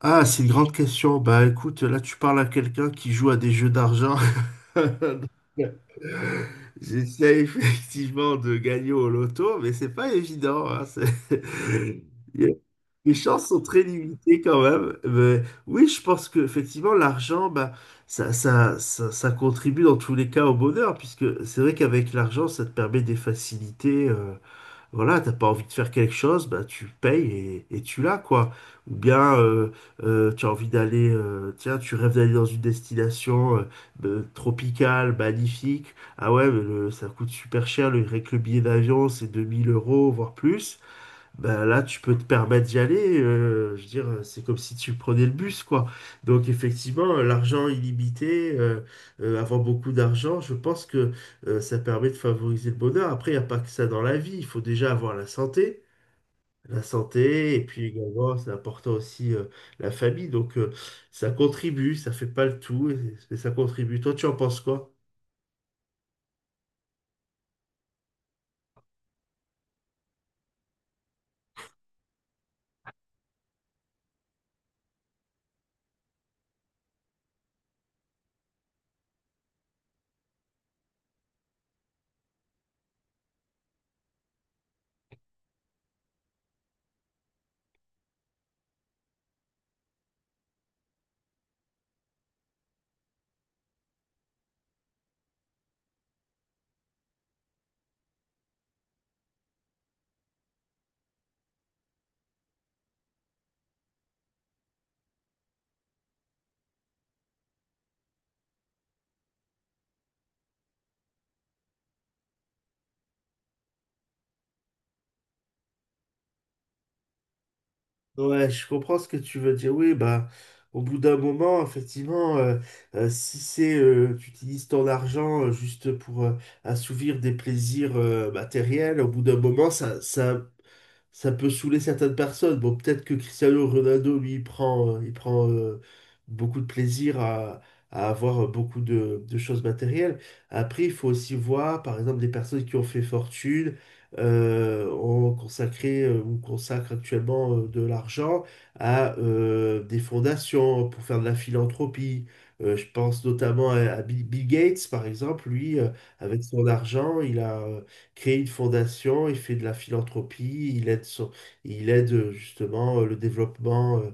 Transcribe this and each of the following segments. Ah, c'est une grande question. Bah écoute, là tu parles à quelqu'un qui joue à des jeux d'argent. J'essaie effectivement de gagner au loto, mais c'est pas évident. Hein, Les chances sont très limitées quand même. Mais oui, je pense que effectivement l'argent, bah, ça contribue dans tous les cas au bonheur, puisque c'est vrai qu'avec l'argent, ça te permet des facilités. Voilà, t'as pas envie de faire quelque chose, bah tu payes et tu l'as, quoi. Ou bien tu as envie d'aller, tiens, tu rêves d'aller dans une destination tropicale, magnifique. Ah ouais, mais ça coûte super cher, le, rien que le billet d'avion, c'est 2000 euros, voire plus. Bah là, tu peux te permettre d'y aller. Je veux dire, c'est comme si tu prenais le bus, quoi. Donc, effectivement, l'argent illimité, avoir beaucoup d'argent, je pense que ça permet de favoriser le bonheur. Après, il n'y a pas que ça dans la vie. Il faut déjà avoir la santé. La santé, et puis également, c'est important aussi la famille. Donc, ça contribue, ça fait pas le tout, mais ça contribue. Toi, tu en penses quoi? Ouais, je comprends ce que tu veux dire. Oui, bah, au bout d'un moment, effectivement, si c'est tu utilises ton argent juste pour assouvir des plaisirs matériels, au bout d'un moment, ça peut saouler certaines personnes. Bon, peut-être que Cristiano Ronaldo, lui, il prend beaucoup de plaisir à avoir beaucoup de choses matérielles. Après, il faut aussi voir, par exemple, des personnes qui ont fait fortune, ont consacré ou consacrent actuellement de l'argent à des fondations pour faire de la philanthropie. Je pense notamment à Bill Gates, par exemple. Lui, avec son argent, il a crée une fondation, il fait de la philanthropie, il aide, il aide justement euh,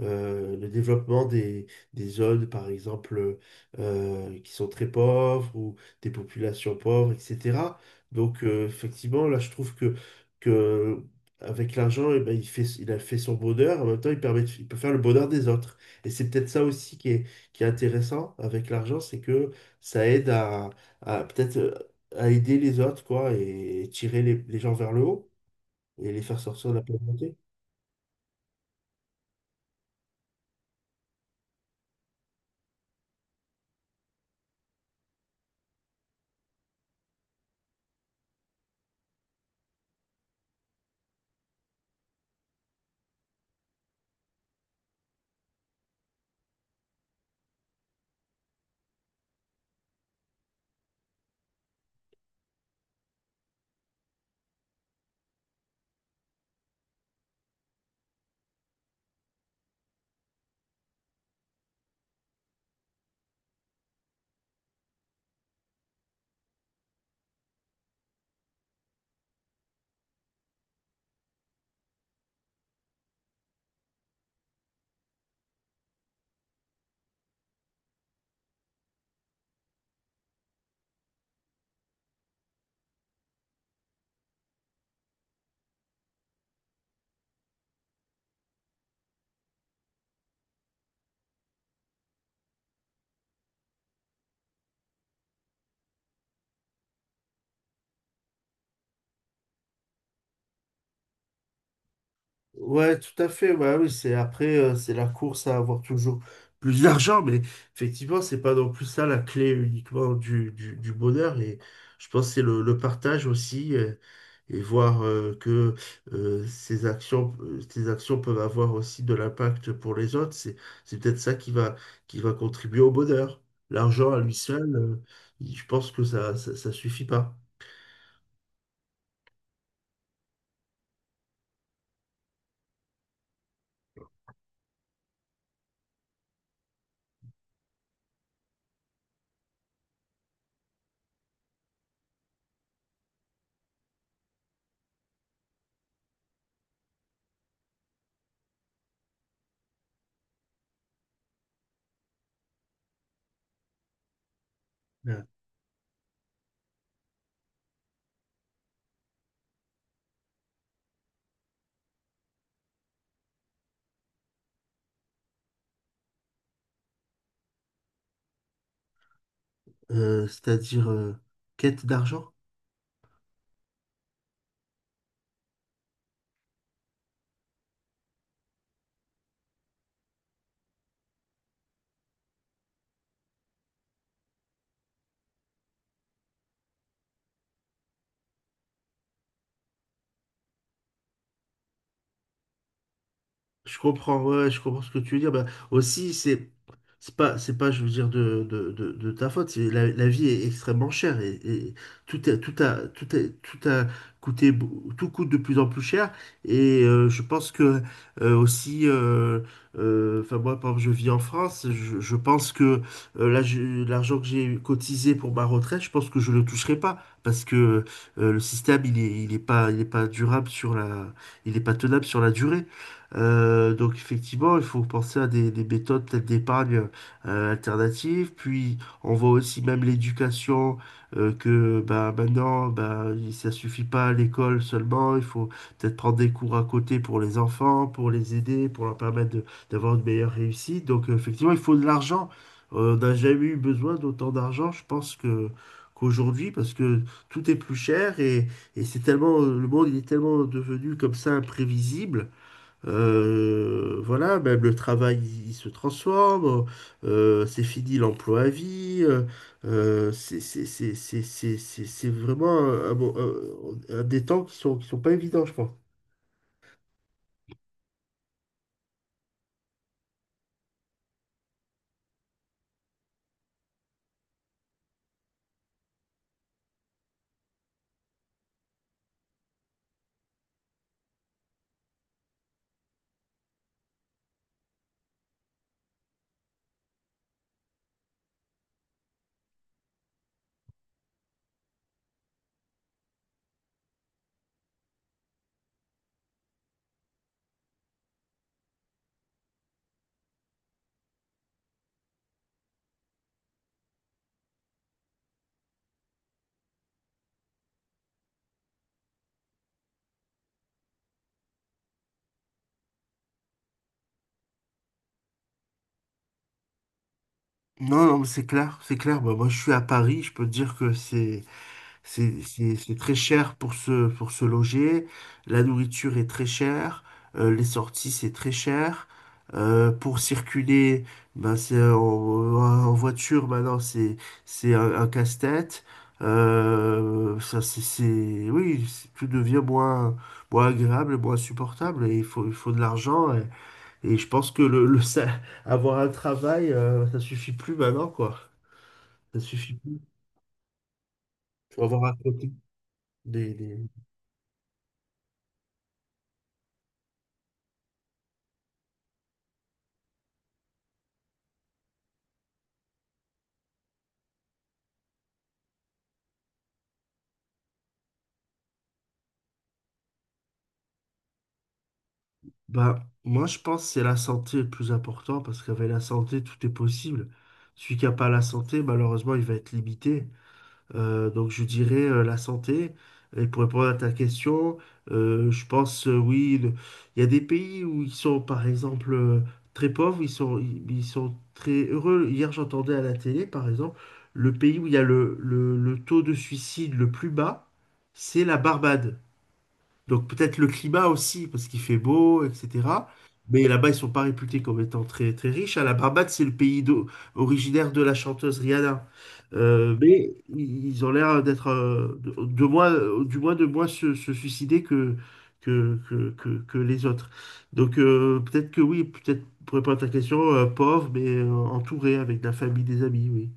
euh, le développement des zones, par exemple, qui sont très pauvres ou des populations pauvres, etc. Donc, effectivement, là, je trouve que avec l'argent, eh ben, il fait, il a fait son bonheur, en même temps, il permet, il peut faire le bonheur des autres. Et c'est peut-être ça aussi qui est intéressant avec l'argent, c'est que ça aide à peut-être à aider les autres, quoi, et tirer les gens vers le haut et les faire sortir de la pauvreté. Ouais, tout à fait. Bah oui, c'est après, c'est la course à avoir toujours plus d'argent, mais effectivement, c'est pas non plus ça la clé uniquement du, du bonheur. Et je pense que c'est le partage aussi, et voir que ces actions peuvent avoir aussi de l'impact pour les autres. C'est peut-être ça qui va contribuer au bonheur. L'argent à lui seul, je pense que ça suffit pas. Euh, C'est-à-dire quête d'argent? Je comprends, ouais, je comprends ce que tu veux dire. Bah, aussi, c'est pas, je veux dire, de, de ta faute. C'est la, la vie est extrêmement chère et tout est, tout a, tout est, tout a tout coûte de plus en plus cher. Et je pense que aussi, enfin moi, par exemple, je vis en France. Je pense que là, l'argent que j'ai cotisé pour ma retraite, je pense que je le toucherai pas parce que le système, il est pas durable sur la, il est pas tenable sur la durée. Donc effectivement, il faut penser à des méthodes peut-être d'épargne alternatives. Puis on voit aussi même l'éducation que bah, maintenant, bah, ça suffit pas à l'école seulement. Il faut peut-être prendre des cours à côté pour les enfants, pour les aider, pour leur d'avoir une meilleure réussite. Donc effectivement, il faut de l'argent. On n'a jamais eu besoin d'autant d'argent, je pense que qu'aujourd'hui, parce que tout est plus cher et c'est tellement, le monde il est tellement devenu comme ça imprévisible, voilà, même le travail, il se transforme. C'est fini l'emploi à vie. C'est vraiment un des temps qui sont pas évidents, je pense. Non, non, mais c'est clair, c'est clair. Bah, moi, je suis à Paris, je peux te dire que c'est très cher pour se loger. La nourriture est très chère. Les sorties, c'est très cher. Pour circuler, ben, c'est en voiture, maintenant, c'est un casse-tête. Ça, oui, tout devient moins, moins agréable, moins supportable. Et il faut de l'argent. Et je pense que le, avoir un travail, ça suffit plus maintenant, quoi. Ça suffit plus. Faut avoir à côté des, Bah, moi, je pense que c'est la santé le plus important parce qu'avec la santé, tout est possible. Celui qui n'a pas la santé, malheureusement, il va être limité. Donc, je dirais la santé. Et pour répondre à ta question, je pense, oui, il y a des pays où ils sont, par exemple, très pauvres, ils sont, ils sont très heureux. Hier, j'entendais à la télé, par exemple, le pays où il y a le, le taux de suicide le plus bas, c'est la Barbade. Donc peut-être le climat aussi, parce qu'il fait beau, etc. Mais là-bas, ils sont pas réputés comme étant très, très riches. À la Barbade, c'est originaire de la chanteuse Rihanna. Mais ils ont l'air d'être, de moins, du moins de moins se, se suicider que les autres. Donc peut-être que oui, peut-être pour répondre à ta question, pauvre, mais entouré avec la famille, des amis, oui.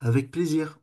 Avec plaisir.